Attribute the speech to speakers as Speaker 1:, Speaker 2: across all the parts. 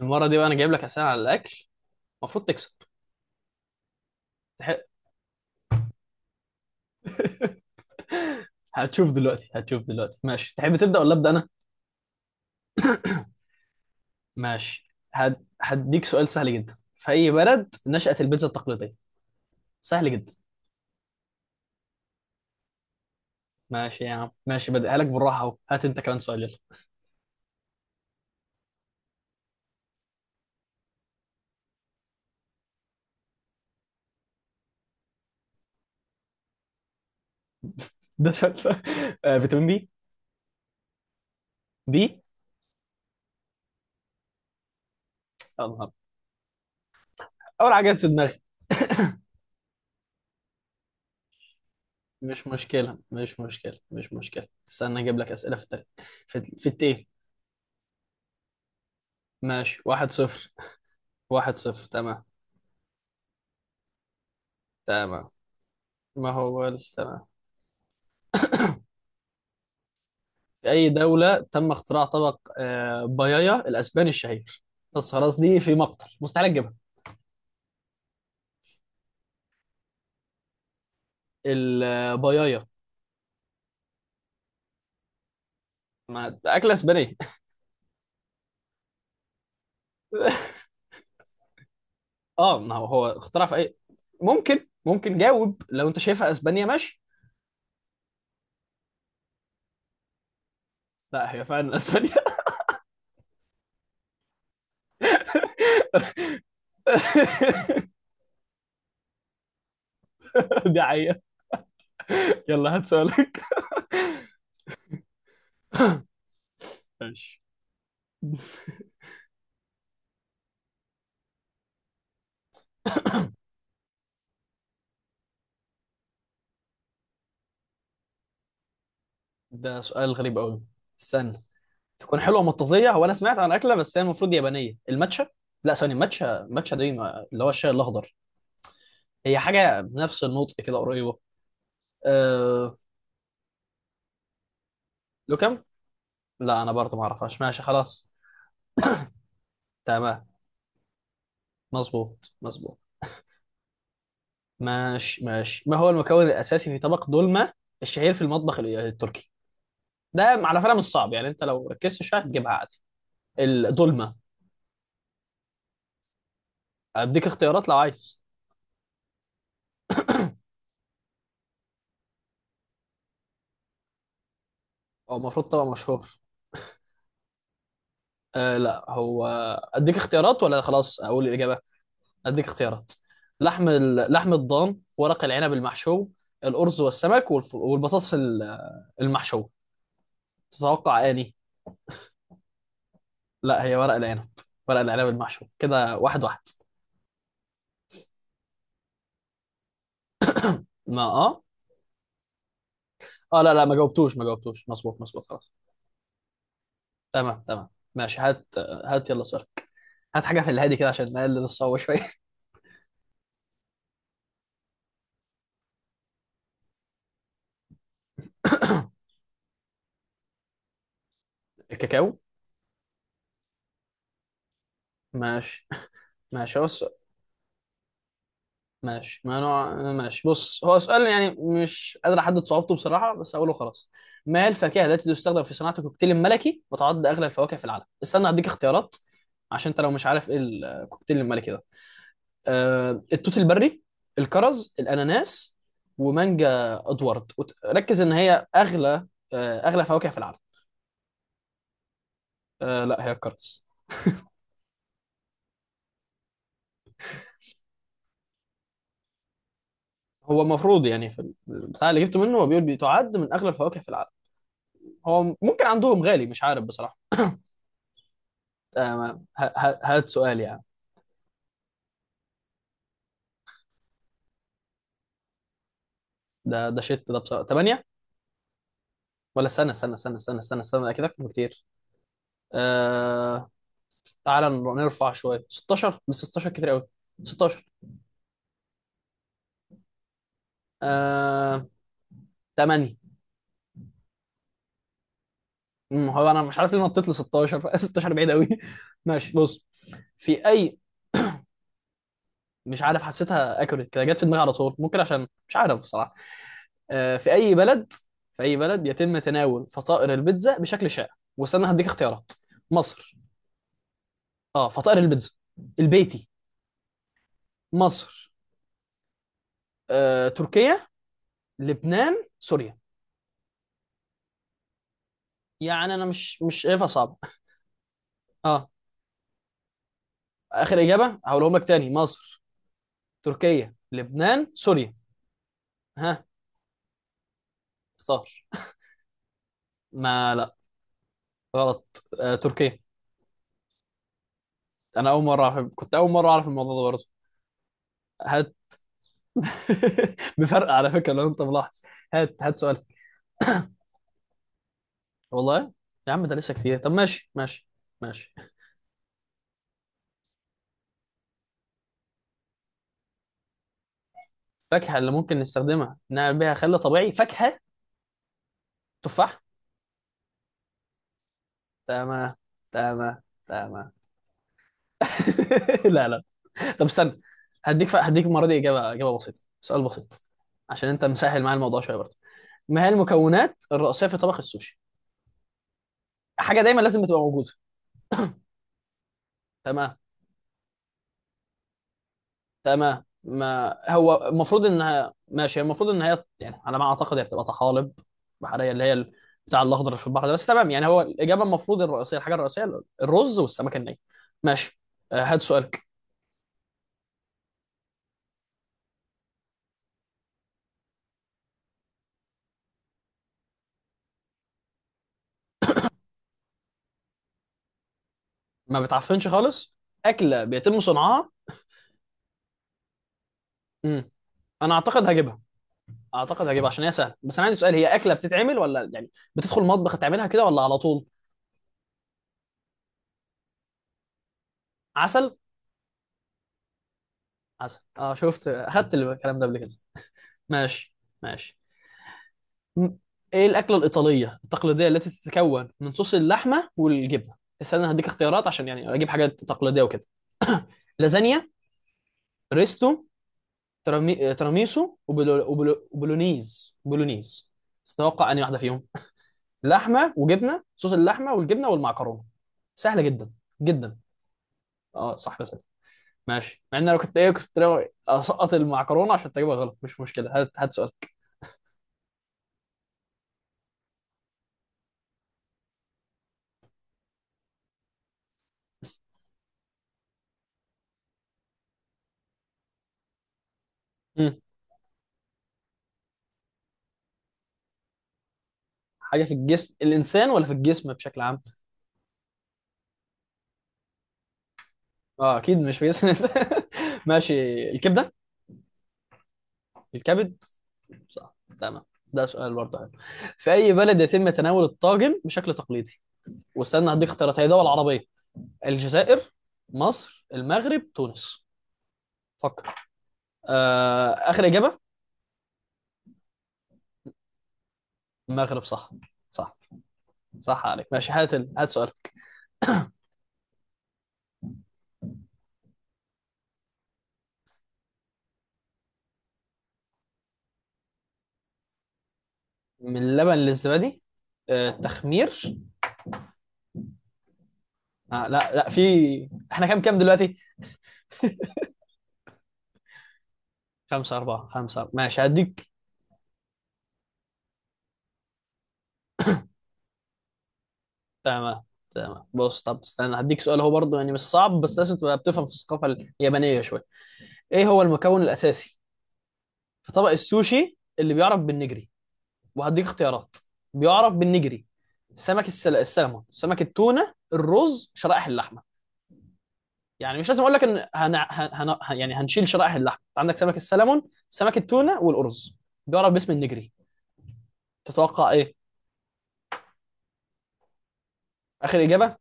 Speaker 1: المرة دي بقى أنا جايب لك أسئلة على الأكل. المفروض تكسب. تح... هتشوف دلوقتي، هتشوف دلوقتي. ماشي، تحب تبدأ ولا أبدأ أنا؟ ماشي، هديك سؤال سهل جدا، في أي بلد نشأت البيتزا التقليدية؟ سهل جدا. ماشي يا عم، ماشي، بديها لك بالراحة أهو، هات أنت كمان سؤال يلا. ده سؤال سهل. فيتامين بي. بي. الله، أول حاجة جت في دماغي. مش مشكلة، مش مشكلة، مش مشكلة، استنى أجيب لك أسئلة في التاريخ. في التين. ماشي، واحد صفر. واحد صفر تمام. تمام، ما هو تمام. في أي دولة تم اختراع طبق بايايا الأسباني الشهير؟ بس خلاص، دي في مقتل، مستحيل أجيبها. البايايا، ما أكلة أسبانية. اه ما هو هو اختراع في أي؟ ممكن، ممكن جاوب، لو أنت شايفها أسبانيا ماشي. لا هي فعلا أسبانيا. دي حقيقة. يلا هات سؤالك. ماشي. ده سؤال غريب قوي. استنى، تكون حلوة مطاطية، هو أنا سمعت عن أكلة بس هي المفروض يابانية، الماتشا. لا ثانية، ماتشا ماتشا دي اللي هو الشاي الأخضر. هي حاجة بنفس النطق كده، قريبة. أه... لوكم؟ لا أنا برضه ما أعرفهاش، ماشي خلاص. تمام، مظبوط مظبوط. ماشي ماشي، ما هو المكون الأساسي في طبق دولمة الشهير في المطبخ التركي؟ ده على فكرة مش صعب، يعني أنت لو ركزت شوية هتجيبها عادي. الدولمة. أديك اختيارات لو عايز. هو المفروض طبق مشهور. أه لا، هو أديك اختيارات، ولا خلاص أقول الإجابة؟ اديك اختيارات. لحم الضان، ورق العنب المحشو، الارز والسمك، والبطاطس المحشوه. تتوقع اني؟ لا هي ورق العنب، ورق العنب المحشو. كده واحد واحد. ما اه، اه لا لا، ما جاوبتوش ما جاوبتوش. مظبوط مظبوط خلاص. تمام تمام. ماشي، هات هات يلا سؤالك، هات حاجه في الهادي كده عشان نقلل الصعوبه شويه. الكاكاو. ماشي ماشي. هو ماشي، ما نوع، ماشي بص، هو سؤال يعني مش قادر احدد صعوبته بصراحه، بس اقوله خلاص. ما هي الفاكهه التي تستخدم في صناعه الكوكتيل الملكي، وتعد اغلى الفواكه في العالم؟ استنى اديك اختيارات، عشان انت لو مش عارف ايه الكوكتيل الملكي ده. التوت البري، الكرز، الاناناس، ومانجا ادوارد. ركز ان هي اغلى، اغلى فواكه في العالم. آه لا، هي الكرز. هو المفروض يعني في البتاع اللي جبته منه هو بيقول بتعد من اغلى الفواكه في العالم، هو ممكن عندهم غالي، مش عارف بصراحه. تمام، هات سؤال يعني. ده ده شت، ده بصراحة 8. ولا استنى استنى استنى استنى استنى استنى، اكيد اكتر بكتير. آه... تعالى نرفع شويه، 16، بس 16 كتير قوي. 16. آه... 8. هو انا مش عارف ليه نطيت ل 16. 16 بعيد قوي. ماشي بص، في اي، مش عارف، حسيتها اكوريت كده، جت في دماغي على طول، ممكن عشان، مش عارف بصراحه. في اي بلد، في اي بلد يتم تناول فطائر البيتزا بشكل شائع؟ واستنى هديك اختيارات. مصر، اه فطائر البيتزا، البيتي، مصر، تركيا، لبنان، سوريا. يعني انا مش، مش شايفها صعبه. اه اخر اجابه هقولهم لك تاني، مصر، تركيا، لبنان، سوريا. ها، اختار. ما لا، غلط، تركيا. انا اول مره اعرف، كنت اول مره اعرف الموضوع ده برضه. هات. بفرق على فكره لو انت ملاحظ. هات هات سؤال. والله يا عم ده لسه كتير، طب ماشي ماشي. ماشي. فاكهه اللي ممكن نستخدمها نعمل بيها خل طبيعي، فاكهه، تفاح. تمام تمام تمام. لا لا. طب استنى، هديك هديك المره دي اجابه، اجابه بسيطه، سؤال بسيط، عشان انت مسهل معايا الموضوع شويه برضه. ما هي المكونات الرئيسيه في طبخ السوشي؟ حاجه دايما لازم تبقى موجوده. تمام، تمام. ما هو المفروض انها، ماشي المفروض ان هي يعني على ما اعتقد هي بتبقى طحالب بحريه، اللي هي بتاع الاخضر اللي في البحر ده، بس تمام يعني. هو الاجابه المفروض الرئيسيه، الحاجه الرئيسيه، الرز والسمك الني. ماشي. هات سؤالك. ما بتعفنش خالص، اكله بيتم صنعها. مم. انا اعتقد هجيبها، اعتقد هجيبها عشان هي سهله، بس انا عندي سؤال، هي اكله بتتعمل، ولا يعني بتدخل المطبخ تعملها كده ولا على طول؟ عسل. عسل اه، شفت اخدت الكلام ده قبل كده. ماشي ماشي. م- ايه الاكله الايطاليه التقليديه التي تتكون من صوص اللحمه والجبنه؟ استنى هديك اختيارات عشان يعني اجيب حاجات تقليديه وكده. لازانيا، ريستو، تراميسو، وبولونيز، بولونيز. تتوقع انهي واحده فيهم؟ لحمه وجبنه، صوص اللحمه والجبنه والمعكرونه. سهله جدا، جدا. اه صح. ماشي، مع ان انا كنت ايه، كنت ناوي اسقط المعكرونه عشان تجيبها غلط، مش مشكله. هات هات سؤال. مم. حاجه في الجسم الانسان، ولا في الجسم بشكل عام؟ اه اكيد مش في جسم الإنسان. ماشي. الكبده. الكبد، صح. تمام. ده سؤال برضه حلو، في اي بلد يتم تناول الطاجن بشكل تقليدي؟ واستنى هديك اختيارات، هي دول عربيه. الجزائر، مصر، المغرب، تونس. فكر. اخر اجابه. المغرب، صح. صح، صح عليك. ماشي، هات هات سؤال. من اللبن للزبادي، تخمير. آه لا، لا في، احنا كام كام دلوقتي؟ خمسة أربعة. خمسة أربعة، ماشي هديك. تمام تمام. بص طب استنى، هديك سؤال هو برضه يعني مش صعب، بس لازم تبقى بتفهم في الثقافة اليابانية شوية. ايه هو المكون الأساسي في طبق السوشي اللي بيعرف بالنجري؟ وهديك اختيارات. بيعرف بالنجري. سمك السلمون، سمك التونة، الرز، شرائح اللحمة. يعني مش لازم اقول لك ان يعني هنشيل شرائح اللحم. أنت عندك سمك السلمون، سمك التونه، والارز، بيعرف باسم النجري، تتوقع ايه؟ اخر اجابه.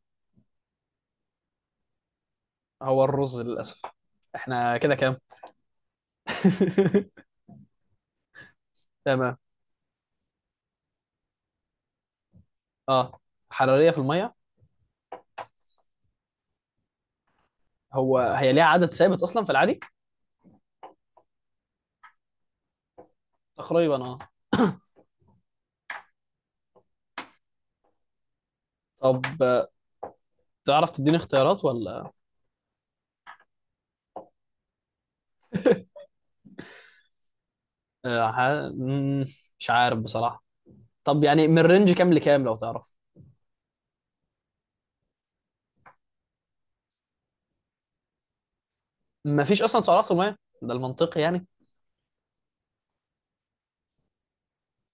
Speaker 1: هو الرز للاسف. احنا كده كام؟ تمام. اه، حراريه في الميه. هو هي ليها عدد ثابت اصلا في العادي؟ تقريبا اه. طب تعرف تديني اختيارات ولا؟ آه ح- مم، مش عارف بصراحه. طب يعني من رينج كام لكام لو تعرف؟ مفيش اصلا سعرات في الميه، ده المنطقي يعني.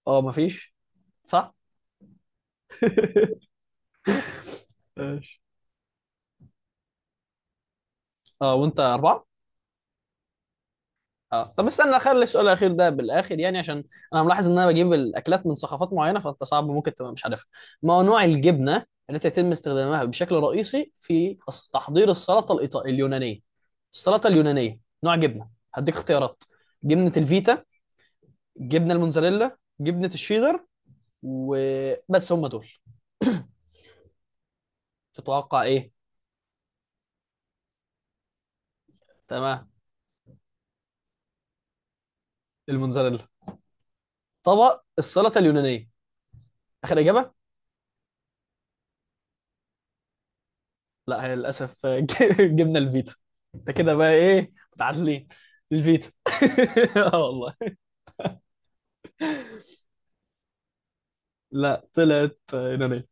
Speaker 1: اه مفيش. صح. ماشي. اه، وانت اربعه. اه طب استنى، اخلي السؤال الاخير ده بالاخر يعني، عشان انا ملاحظ ان انا بجيب الاكلات من ثقافات معينه فانت صعب ممكن تبقى مش عارفها. ما هو نوع الجبنه التي يتم استخدامها بشكل رئيسي في تحضير السلطه اليونانيه؟ السلطه اليونانيه، نوع جبنه. هديك اختيارات. جبنه الفيتا، جبنه الموتزاريلا، جبنه الشيدر، وبس هم دول. تتوقع ايه؟ تمام، الموتزاريلا، طبق السلطه اليونانيه. اخر اجابه؟ لا، هي للاسف جبنا الفيتا. ده كده بقى ايه، متعادلين. الفيتا. اه والله. لا، طلعت يونانية.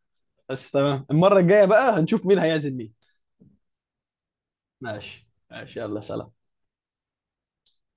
Speaker 1: بس تمام، المرة الجاية بقى هنشوف مين هيعزل مين. ماشي ماشي، يلا سلام.